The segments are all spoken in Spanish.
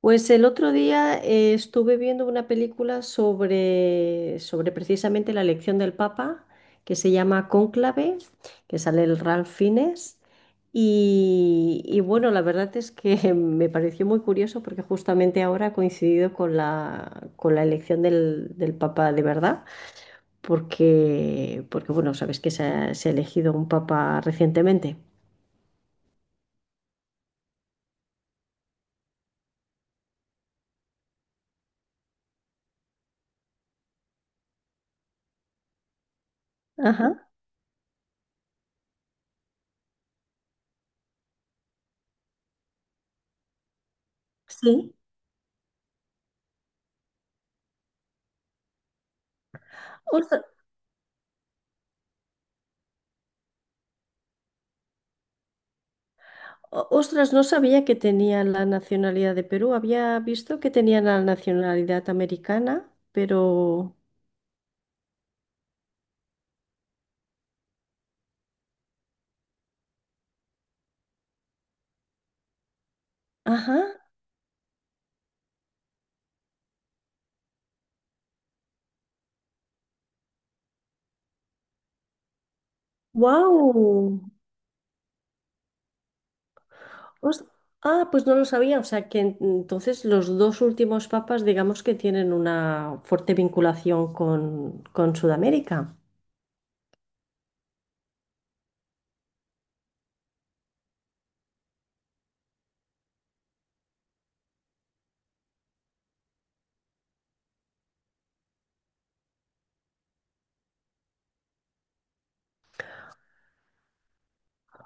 Pues el otro día estuve viendo una película sobre precisamente la elección del Papa, que se llama Cónclave, que sale el Ralph Fiennes. Y bueno, la verdad es que me pareció muy curioso porque justamente ahora ha coincidido con la elección del Papa de verdad, porque bueno, sabes que se ha elegido un Papa recientemente. Ajá, sí. Ostras, no sabía que tenían la nacionalidad de Perú. Había visto que tenían la nacionalidad americana, pero. Ajá, wow. Ah, pues no lo sabía. O sea que entonces los dos últimos papas, digamos que tienen una fuerte vinculación con Sudamérica.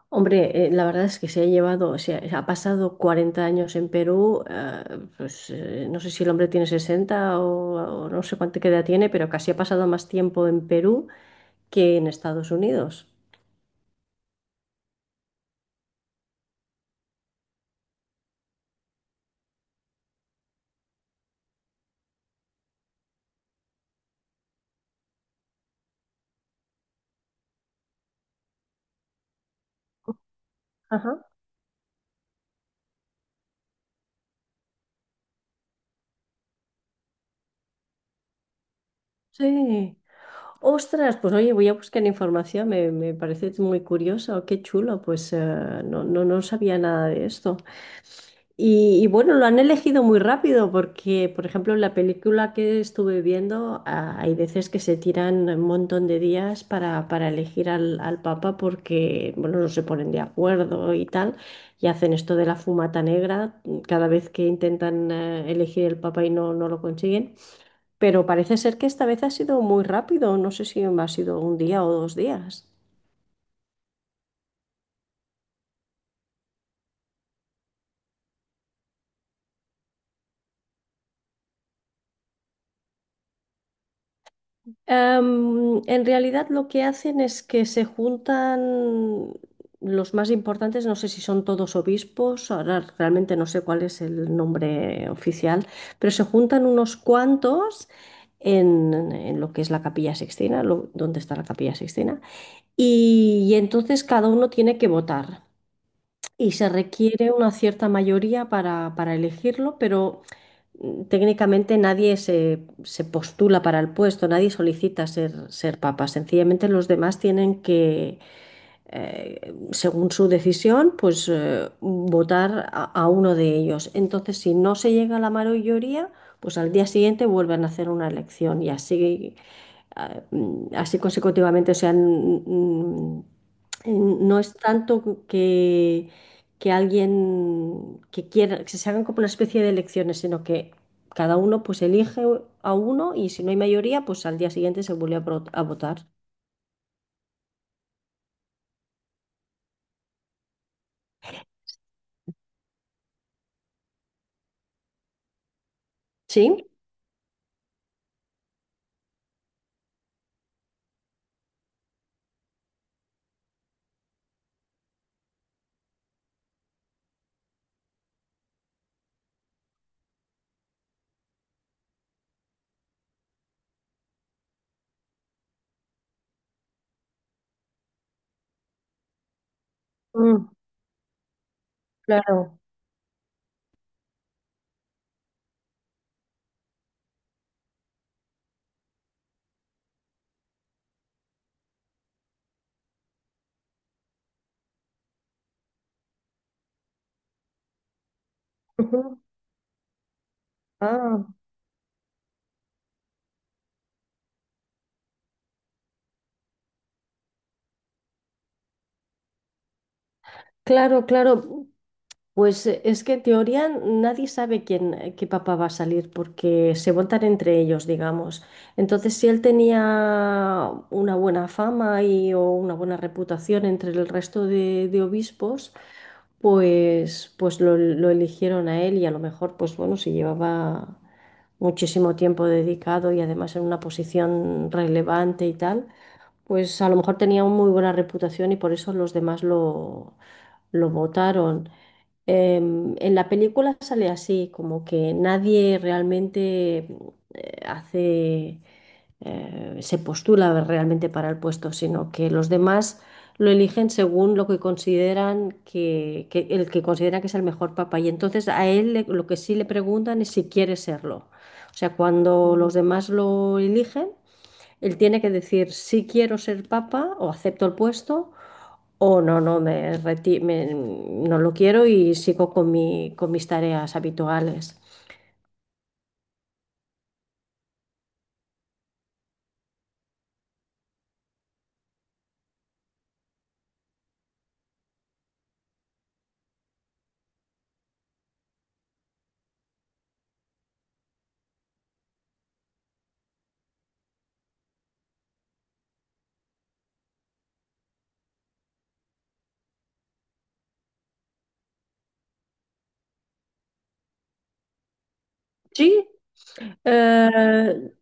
Hombre, la verdad es que se ha llevado, se ha, ha pasado 40 años en Perú, pues no sé si el hombre tiene 60 o no sé cuánta edad tiene, pero casi ha pasado más tiempo en Perú que en Estados Unidos. Ajá. Sí. Ostras, pues oye, voy a buscar información, me parece muy curioso, qué chulo, pues no, no, no sabía nada de esto. Y bueno, lo han elegido muy rápido porque, por ejemplo, en la película que estuve viendo, hay veces que se tiran un montón de días para elegir al Papa porque, bueno, no se ponen de acuerdo y tal, y hacen esto de la fumata negra cada vez que intentan elegir el Papa y no lo consiguen. Pero parece ser que esta vez ha sido muy rápido, no sé si ha sido un día o 2 días. En realidad lo que hacen es que se juntan los más importantes, no sé si son todos obispos, ahora realmente no sé cuál es el nombre oficial, pero se juntan unos cuantos en, lo que es la Capilla Sixtina, donde está la Capilla Sixtina, y entonces cada uno tiene que votar. Y se requiere una cierta mayoría para elegirlo, pero técnicamente nadie se postula para el puesto, nadie solicita ser papa. Sencillamente los demás tienen que, según su decisión, pues votar a uno de ellos. Entonces, si no se llega a la mayoría, pues al día siguiente vuelven a hacer una elección y así, así consecutivamente. O sea, no es tanto que, alguien que quiera, que se hagan como una especie de elecciones, sino que cada uno pues elige a uno y si no hay mayoría, pues al día siguiente se vuelve a votar. ¿Sí? Mm, claro. Ah, claro, claro. Pues es que en teoría nadie sabe qué papá va a salir porque se votan entre ellos, digamos. Entonces, si él tenía una buena fama o una buena reputación entre el resto de obispos, pues lo eligieron a él y a lo mejor, pues bueno, si llevaba muchísimo tiempo dedicado y además en una posición relevante y tal pues a lo mejor tenía una muy buena reputación y por eso los demás lo votaron. En la película sale así, como que nadie realmente eh, hace, se postula realmente para el puesto, sino que los demás lo eligen según lo que consideran que el que consideran que es el mejor papá. Y entonces a él lo que sí le preguntan es si quiere serlo. O sea, cuando los demás lo eligen. Él tiene que decir si quiero ser papa o acepto el puesto o no, no lo quiero y sigo con mis tareas habituales. Sí, eh,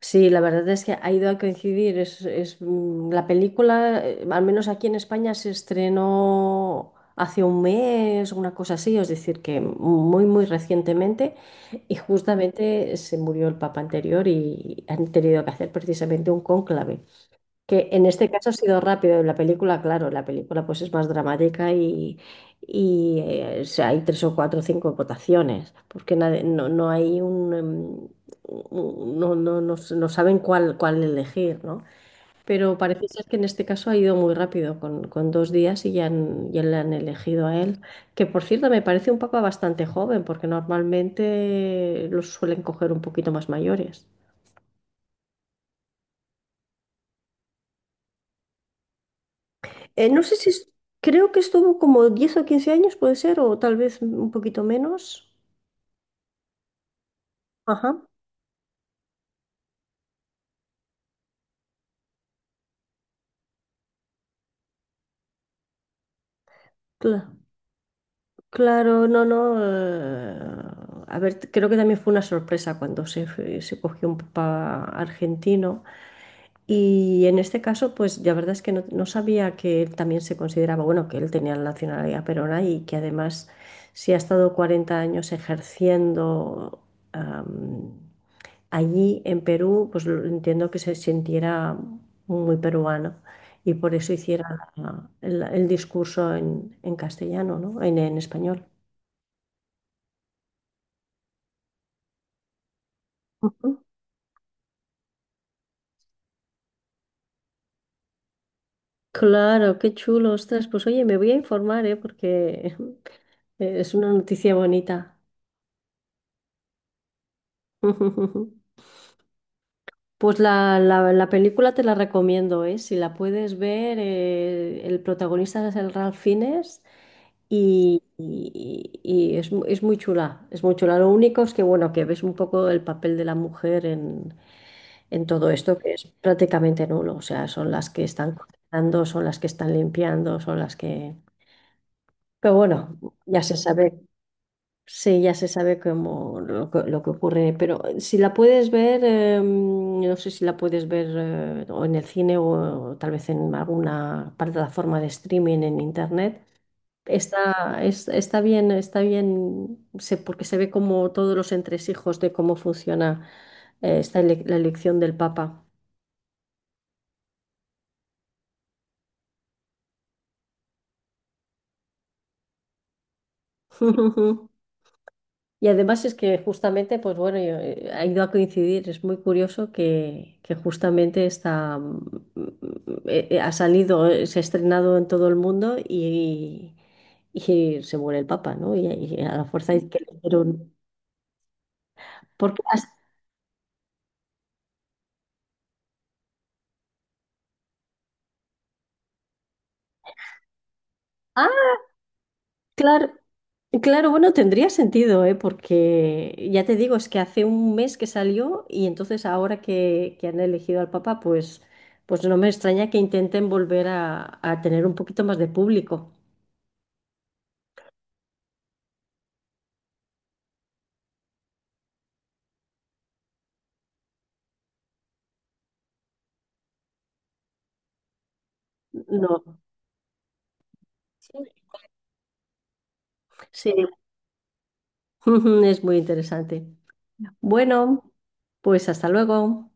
sí, la verdad es que ha ido a coincidir. La película, al menos aquí en España, se estrenó hace un mes, una cosa así, es decir, que muy, muy recientemente, y justamente se murió el papa anterior y han tenido que hacer precisamente un cónclave. Que en este caso ha sido rápido. En la película, claro, la película pues es más dramática o sea, hay tres o cuatro o cinco votaciones, porque no, no hay un, no, no, no saben cuál elegir, ¿no? Pero parece ser que en este caso ha ido muy rápido, con, 2 días y ya, ya le han elegido a él. Que por cierto me parece un papa bastante joven, porque normalmente los suelen coger un poquito más mayores. No sé si, creo que estuvo como 10 o 15 años, puede ser, o tal vez un poquito menos. Ajá. Cla- claro, no, no. A ver, creo que también fue una sorpresa cuando se cogió un papá argentino. Y en este caso, pues la verdad es que no sabía que él también se consideraba, bueno, que él tenía la nacionalidad peruana y que además, si ha estado 40 años ejerciendo, allí en Perú, pues entiendo que se sintiera muy peruano y por eso hiciera el discurso en, castellano, ¿no? En español. Ujú. Claro, qué chulo, ostras. Pues oye, me voy a informar, ¿eh? Porque es una noticia bonita. Pues la película te la recomiendo, ¿eh? Si la puedes ver, el protagonista es el Ralph Fiennes y es muy chula, es muy chula. Lo único es que, bueno, que ves un poco el papel de la mujer en, todo esto, que es prácticamente nulo. O sea, son las que están cocinando, son las que están limpiando, son las que. Pero bueno, ya se sabe. Sí, ya se sabe cómo que lo que ocurre, pero si la puedes ver, no sé si la puedes ver o en el cine o, tal vez en alguna plataforma de streaming en internet. Está bien, está bien, porque se ve como todos los entresijos de cómo funciona esta la elección del Papa. Y además es que justamente, pues bueno, ha ido a coincidir, es muy curioso que justamente ha salido, se ha estrenado en todo el mundo y se muere el Papa, ¿no? Y a la fuerza es que le hicieron. Porque has- Ah, claro, claro, bueno, tendría sentido, ¿eh? Porque ya te digo, es que hace un mes que salió y entonces ahora que han elegido al Papa, pues no me extraña que intenten volver a tener un poquito más de público. No, sí, es muy interesante. Bueno, pues hasta luego.